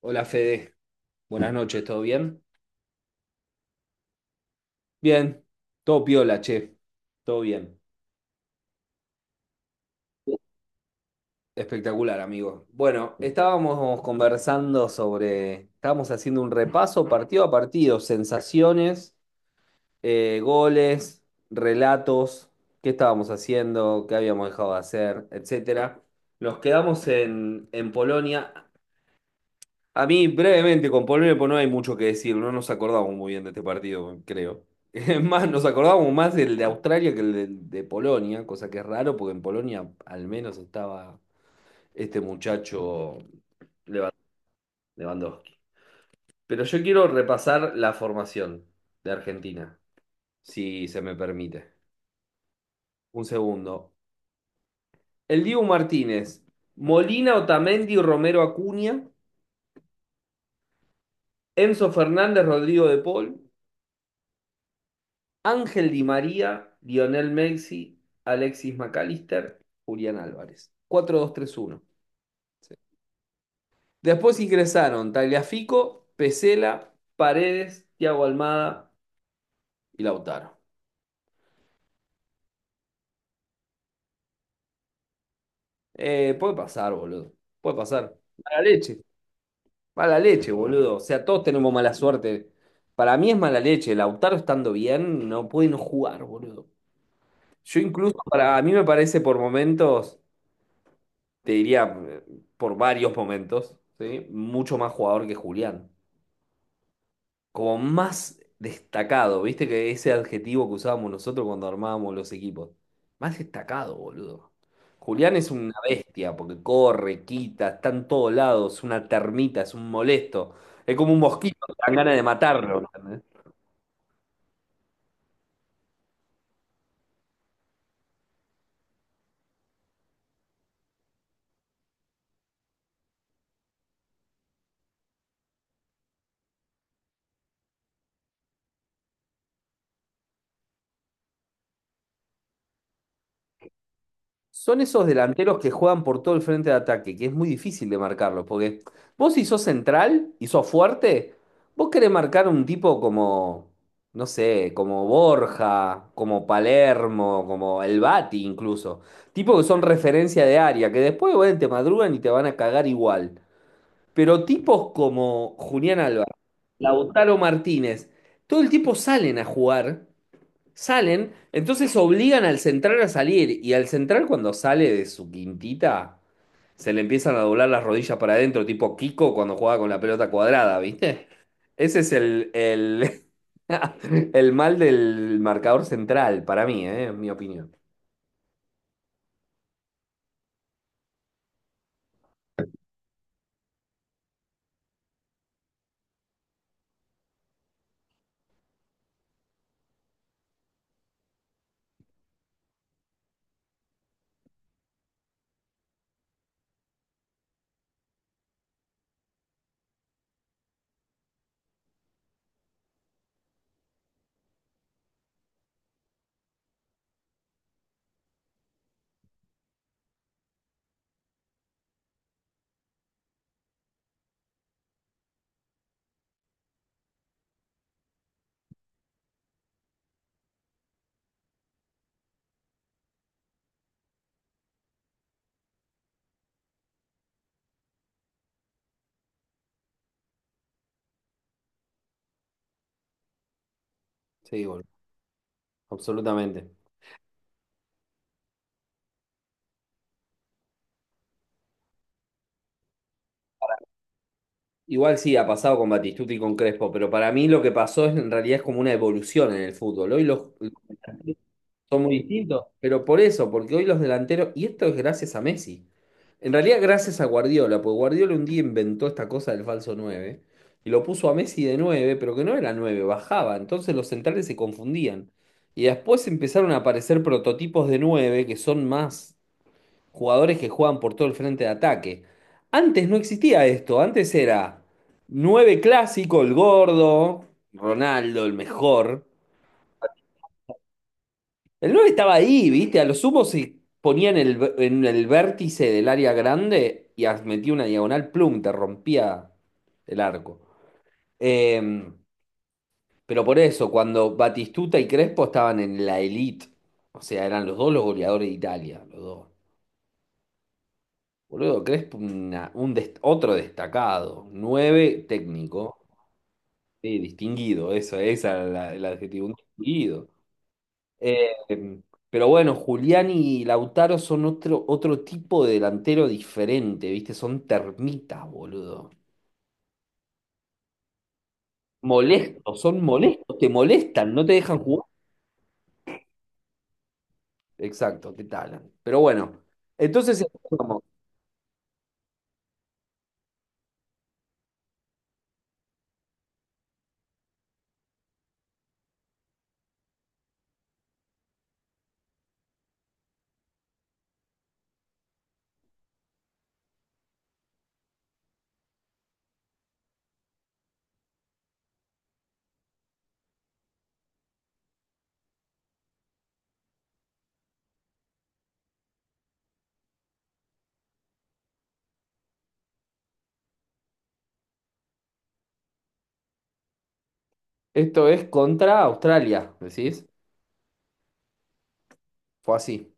Hola Fede, buenas noches, ¿todo bien? Bien, todo piola, che, todo bien. Espectacular, amigo. Bueno, estábamos conversando sobre, estábamos haciendo un repaso partido a partido, sensaciones, goles, relatos, qué estábamos haciendo, qué habíamos dejado de hacer, etcétera. Nos quedamos en Polonia. A mí, brevemente, con Polonia pues, no hay mucho que decir. No nos acordamos muy bien de este partido, creo. Es más, nos acordábamos más del de Australia que el de Polonia, cosa que es raro porque en Polonia al menos estaba este muchacho Levan- Lewandowski. Pero yo quiero repasar la formación de Argentina, si se me permite. Un segundo. El Dibu Martínez, Molina, Otamendi, Romero Acuña, Enzo Fernández, Rodrigo de Paul. Ángel Di María, Lionel Messi, Alexis Mac Allister, Julián Álvarez. 4-2-3-1. Sí. Después ingresaron Tagliafico, Pesela, Paredes, Thiago Almada y Lautaro. Puede pasar, boludo. Puede pasar. Mala leche. Mala leche, boludo. O sea, todos tenemos mala suerte. Para mí es mala leche. Lautaro estando bien, no puede no jugar, boludo. Yo incluso, a mí me parece por momentos. Te diría por varios momentos, ¿sí? Mucho más jugador que Julián. Como más destacado, viste que ese adjetivo que usábamos nosotros cuando armábamos los equipos. Más destacado, boludo. Julián es una bestia porque corre, quita, está en todos lados, es una termita, es un molesto. Es como un mosquito, te dan ganas de matarlo. ¿Entendés? Son esos delanteros que juegan por todo el frente de ataque, que es muy difícil de marcarlo, porque vos si sos central y sos fuerte, vos querés marcar un tipo como, no sé, como Borja, como Palermo, como el Bati incluso. Tipos que son referencia de área, que después, bueno, te madrugan y te van a cagar igual. Pero tipos como Julián Álvarez, Lautaro Martínez, todo el tiempo salen a jugar. Salen, entonces obligan al central a salir y al central cuando sale de su quintita se le empiezan a doblar las rodillas para adentro, tipo Kiko cuando juega con la pelota cuadrada, ¿viste? Ese es el mal del marcador central para mí, ¿eh? En mi opinión. Sí, bueno, absolutamente. Igual sí, ha pasado con Batistuta y con Crespo, pero para mí lo que pasó es, en realidad es como una evolución en el fútbol. Hoy los, son muy distintos. Pero por eso, porque hoy los delanteros, y esto es gracias a Messi, en realidad gracias a Guardiola, porque Guardiola un día inventó esta cosa del falso nueve y lo puso a Messi de 9 pero que no era 9 bajaba, entonces los centrales se confundían. Y después empezaron a aparecer prototipos de 9 que son más jugadores que juegan por todo el frente de ataque. Antes no existía esto, antes era 9 clásico, el gordo, Ronaldo, el mejor. El 9 estaba ahí, ¿viste? A lo sumo se ponía en el vértice del área grande y metía una diagonal, plum, te rompía el arco. Eh, pero por eso, cuando Batistuta y Crespo estaban en la elite, o sea, eran los dos los goleadores de Italia, los dos. Boludo, Crespo, otro destacado, 9 técnico, sí, distinguido, eso, esa era el adjetivo, un distinguido. Eh, pero bueno, Julián y Lautaro son otro, otro tipo de delantero diferente, ¿viste? Son termitas, boludo. Molestos, son molestos, te molestan, no te dejan jugar. Exacto, te talan. Pero bueno, entonces, ¿cómo? ¿Esto es contra Australia, decís? Fue así.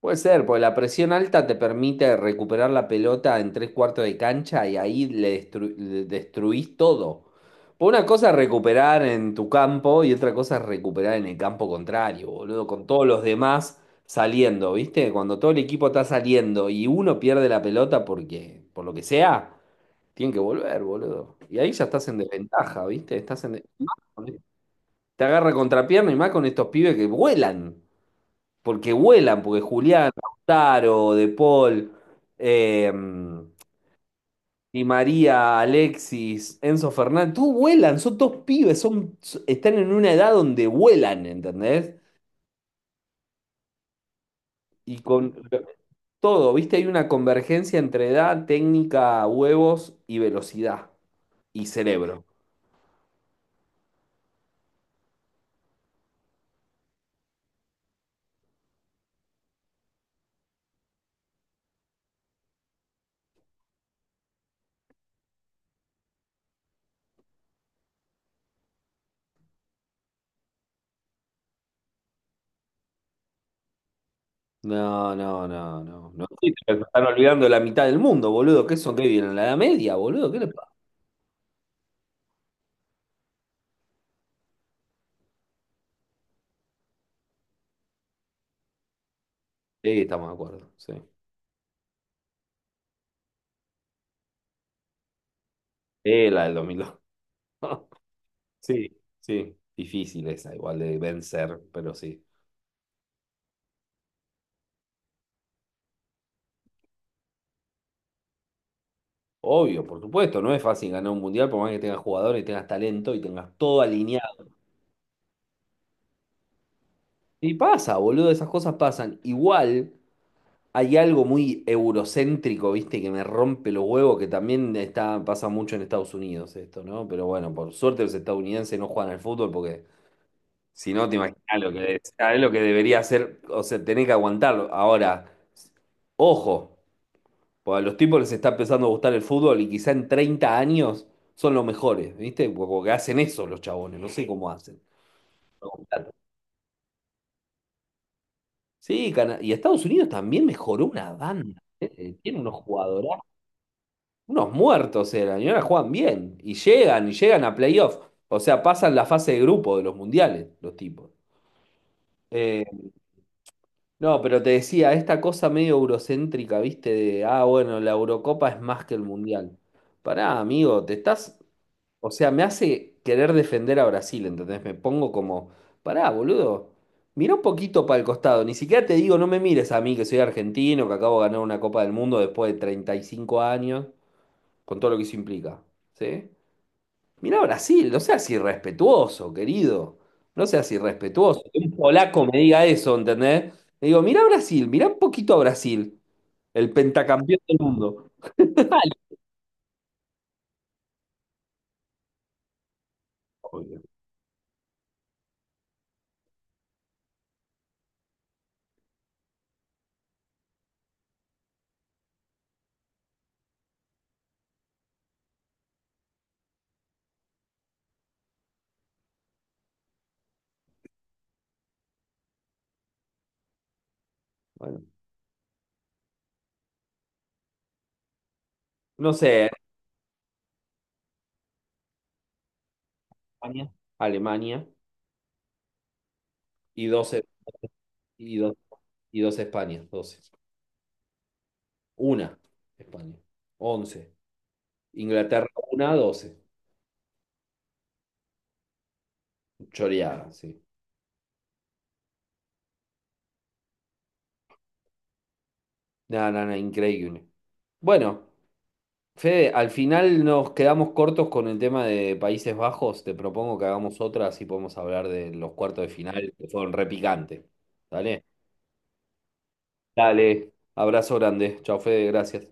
Puede ser, porque la presión alta te permite recuperar la pelota en tres cuartos de cancha y ahí le destruís todo. Por una cosa es recuperar en tu campo y otra cosa es recuperar en el campo contrario, boludo, con todos los demás saliendo, ¿viste? Cuando todo el equipo está saliendo y uno pierde la pelota porque, por lo que sea, tienen que volver, boludo. Y ahí ya estás en desventaja, ¿viste? Te agarra contrapierna y más con estos pibes que vuelan, porque Julián, Lautaro, De Paul, eh, Di María, Alexis, Enzo Fernández, todos vuelan, son dos pibes, son, están en una edad donde vuelan, ¿entendés? Y con todo, ¿viste? Hay una convergencia entre edad, técnica, huevos y velocidad y cerebro. No, no, no, no, no. Sí, se están olvidando la mitad del mundo, boludo. ¿Qué son? ¿Qué vienen? ¿La Edad Media, boludo? ¿Qué les pasa? Sí, estamos de acuerdo, sí. Sí, la del 2002. Sí, sí. Difícil esa, igual de vencer, pero sí. Obvio, por supuesto, no es fácil ganar un mundial por más que tengas jugadores, tengas talento y tengas todo alineado. Y pasa, boludo, esas cosas pasan. Igual hay algo muy eurocéntrico, viste, que me rompe los huevos, que también está, pasa mucho en Estados Unidos esto, ¿no? Pero bueno, por suerte los estadounidenses no juegan al fútbol porque si no te imaginas lo que es lo que debería hacer, o sea, tenés que aguantarlo. Ahora, ojo. Porque a los tipos les está empezando a gustar el fútbol y quizá en 30 años son los mejores, ¿viste? Porque hacen eso los chabones, no sé cómo hacen. Sí, y Estados Unidos también mejoró una banda. ¿Eh? Tiene unos jugadores, unos muertos eran, y ahora juegan bien. Y llegan a playoff. O sea, pasan la fase de grupo de los mundiales, los tipos. Eh, no, pero te decía, esta cosa medio eurocéntrica, ¿viste? De, ah, bueno, la Eurocopa es más que el mundial. Pará, amigo, te estás o sea, me hace querer defender a Brasil, ¿entendés? Me pongo como, pará, boludo, mira un poquito para el costado, ni siquiera te digo, no me mires a mí que soy argentino, que acabo de ganar una Copa del Mundo después de 35 años, con todo lo que eso implica, ¿sí? Mira a Brasil, no seas irrespetuoso, querido, no seas irrespetuoso. Que un polaco me diga eso, ¿entendés? Le digo, mira a Brasil, mira un poquito a Brasil, el pentacampeón del mundo. Obvio. Bueno, no sé, Alemania y 12. Y 2 España, 12. Una España, 11 Inglaterra, una, 12. Choreada, sí. Nada, nada, increíble. Bueno, Fede, al final nos quedamos cortos con el tema de Países Bajos. Te propongo que hagamos otra, así podemos hablar de los cuartos de final, que fueron repicantes. ¿Dale? Dale. Abrazo grande. Chao, Fede, gracias.